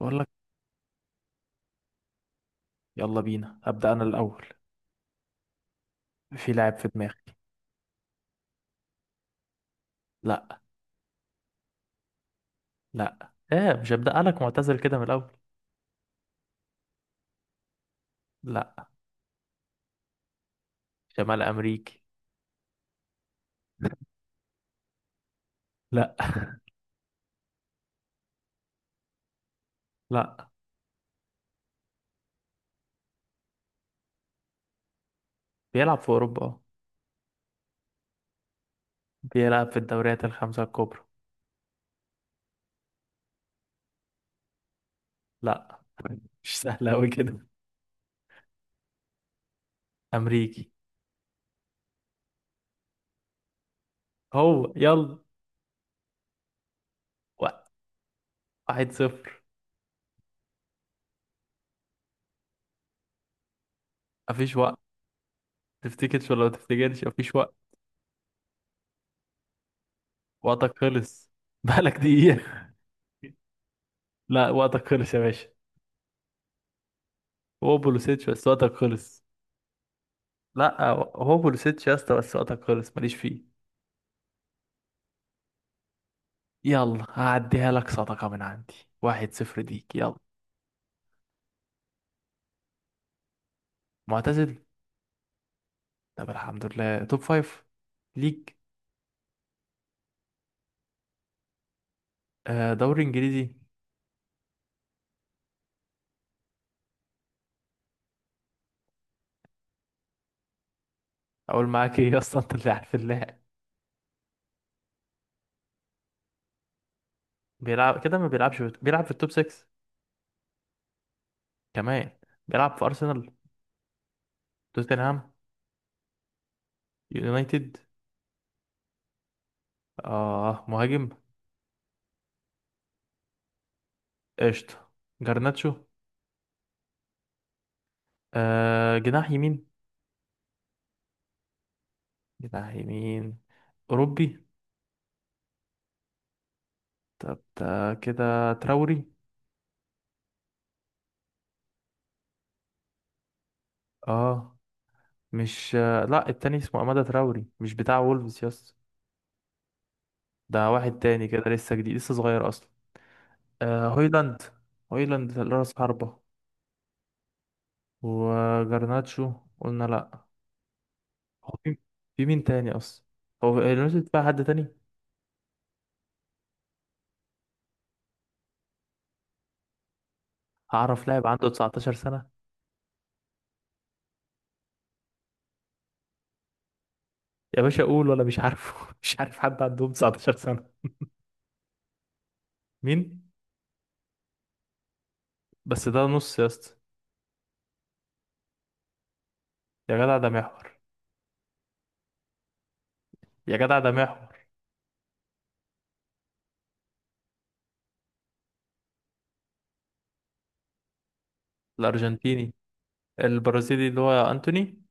بقول لك، يلا بينا هبدأ انا الاول. في لاعب في دماغي. لا. لا ايه؟ مش هبدأ لك معتزل كده من الاول. لا. شمال امريكي. لا. لا. بيلعب في اوروبا، اه. بيلعب في الدوريات الخمسة الكبرى. لا، مش سهل قوي كده. امريكي. هو يلا. وقت. 1-0. مفيش وقت. تفتكرش ولا ما تفتكرش، مفيش وقت. وقتك خلص. بقالك دقيقة. لا، وقتك خلص يا باشا. هو بولوسيتش بس وقتك خلص. لا، هو بولوسيتش يا اسطى بس وقتك خلص، ماليش فيه. يلا هعديها لك صدقة من عندي. 1-0 ليك، يلا. معتزل. طب الحمد لله، توب فايف ليك. آه، دوري انجليزي. اقول معاك ايه اصلا؟ انت اللي عارف اللاعب. بيلعب كده، ما بيلعبش في... بيلعب في التوب 6 كمان. بيلعب في ارسنال. توتنهام. يونايتد. اه، مهاجم. قشطة. جرناتشو. آه، جناح يمين. جناح يمين. اوروبي. طب ده كده تراوري. اه. مش لا، التاني اسمه أمادة تراوري، مش بتاع وولفز. يس، ده واحد تاني كده، لسه جديد لسه صغير أصلا. آه، هويلاند. هويلاند رأس حربة. وجرناتشو، قلنا لا. هو في في مين تاني أصلا؟ هو اليونايتد بقى حد تاني؟ هعرف لاعب عنده 19 سنة؟ يا باشا قول ولا مش عارفه. مش عارف حد عندهم 19 سنة. مين؟ بس ده نص يا اسطى. يا جدع ده محور. يا جدع ده محور. الأرجنتيني. البرازيلي اللي هو أنتوني.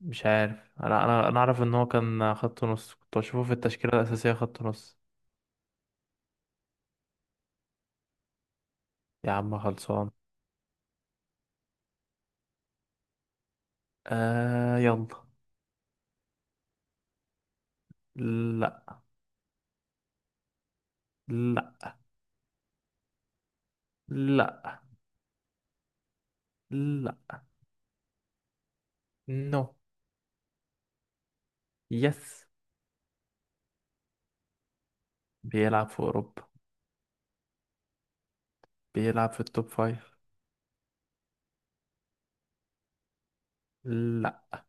مش عارف، انا اعرف ان هو كان خط نص، كنت بشوفه في التشكيله الاساسيه خط نص. يا عم خلصان. آه يلا. لا. لا. لا. لا. نو. يس. بيلعب في اوروبا. بيلعب في التوب فايف. لا.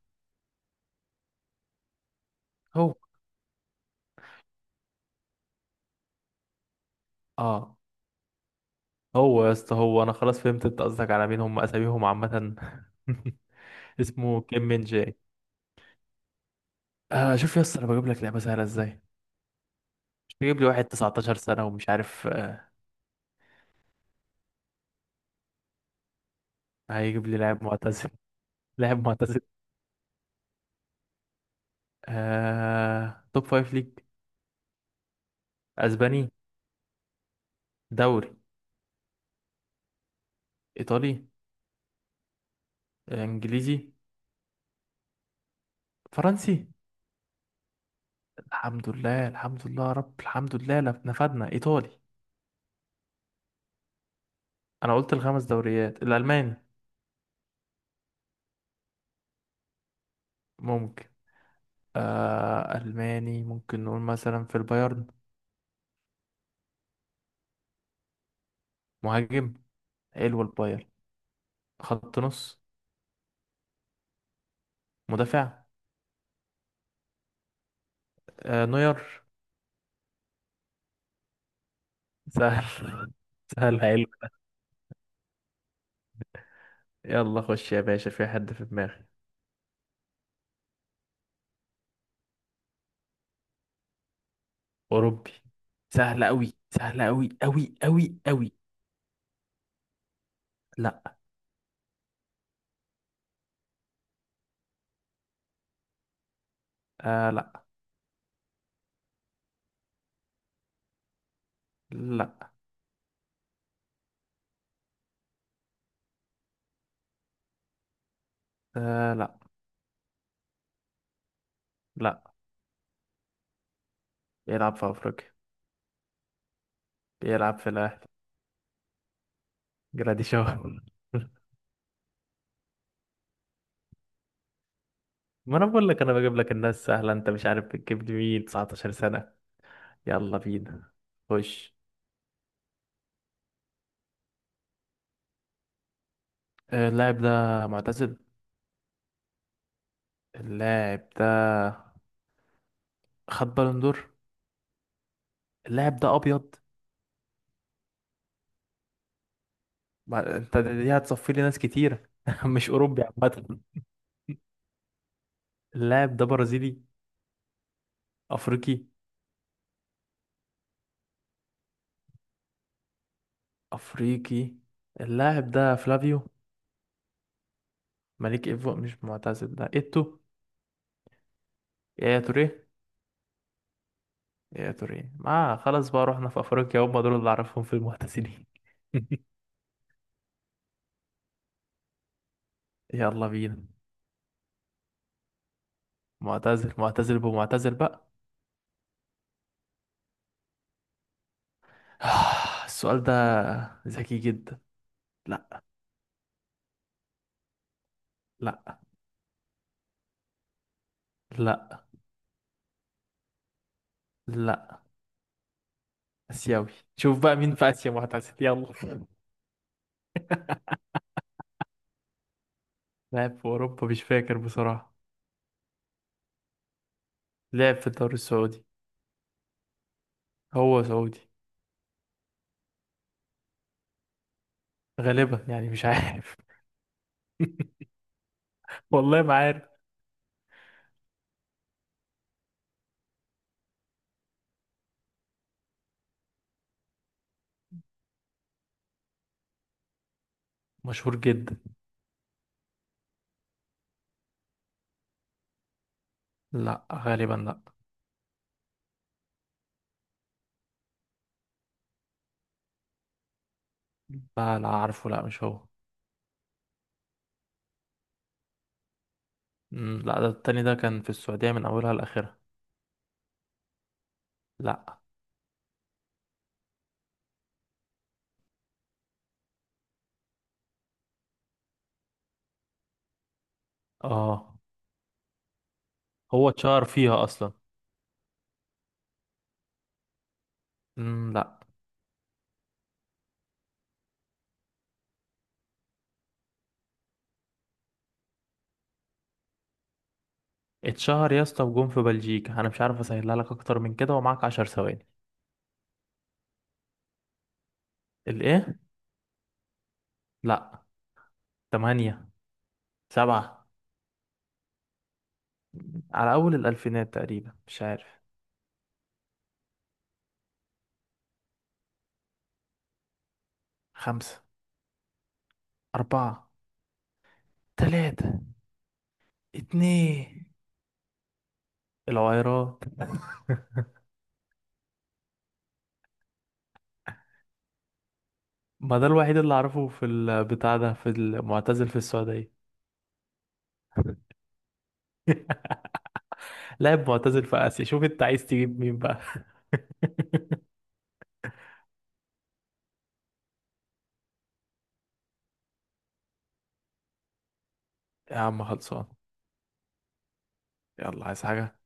هو اه هو يا اسطى، هو انا خلاص فهمت انت قصدك على مين، هم اساميهم عامه. اسمه كيم من جاي. آه، شوف يا اسطى انا بجيب لك لعبه سهله ازاي، مش بجيب لي واحد 19 سنه ومش عارف. هيجيب لي لاعب معتزل. لاعب معتزل. توب فايف ليج. اسباني. دوري. ايطالي. آه، انجليزي. فرنسي. الحمد لله الحمد لله يا رب الحمد لله، نفدنا ايطالي. انا قلت الخمس دوريات. الالماني، ممكن. الماني، ممكن نقول مثلا في البايرن. مهاجم. حلو البايرن. خط نص. مدافع. نوير. سهل. سهل، حلو. يلا خش يا باشا، في حد في دماغي. اوروبي. سهل قوي سهل قوي قوي قوي قوي. لا. آه لا. لا آه لا. لا. بيلعب في أفريقيا. بيلعب في الأهلي. جراديشار. ما أنا بقول لك أنا بجيب لك الناس سهلة، أنت مش عارف بتجيب لي مين 19 سنة. يلا بينا. خش. آه، اللاعب ده معتزل. اللاعب ده خد بالون دور. اللاعب ده أبيض. ما أنت دي هتصفي لي ناس كتيرة، مش أوروبي عامة. اللاعب ده برازيلي. أفريقي. أفريقي. اللاعب ده فلافيو. مليك إيفو، مش معتزل ده إيتو. يا توريه. يا تري، ما خلاص بقى، رحنا في افريقيا هم دول اللي اعرفهم في المعتزلين. يلا بينا. معتزل، معتزل بمعتزل بقى. السؤال ده ذكي جدا. لا. لا. لا. لا. اسيوي. شوف بقى مين في اسيا معتزل، يلا. لعب في اوروبا مش فاكر بصراحة. لعب في الدوري السعودي. هو سعودي. غالبا يعني مش عارف. والله ما عارف. مشهور جدا. لا غالبا لا. لا لا عارفه، لا مش هو. لا، ده التاني ده كان في السعودية من اولها لاخرها. لا. اه هو اتشهر فيها اصلا. لا. اتشهر يا اسطى، وجون في بلجيكا، انا مش عارف اسهلها لك اكتر من كده، ومعاك 10 ثواني. الايه؟ لا. تمانية. سبعة. على اول الالفينات تقريبا، مش عارف. خمسة. اربعة. تلاتة. اتنين. العويرات. ما ده الوحيد اللي اعرفه في البتاع ده، في المعتزل في السعودية. لاعب معتزل في اسيا، شوف انت عايز تجيب مين بقى. يا عم خلصان. يلا، عايز حاجة؟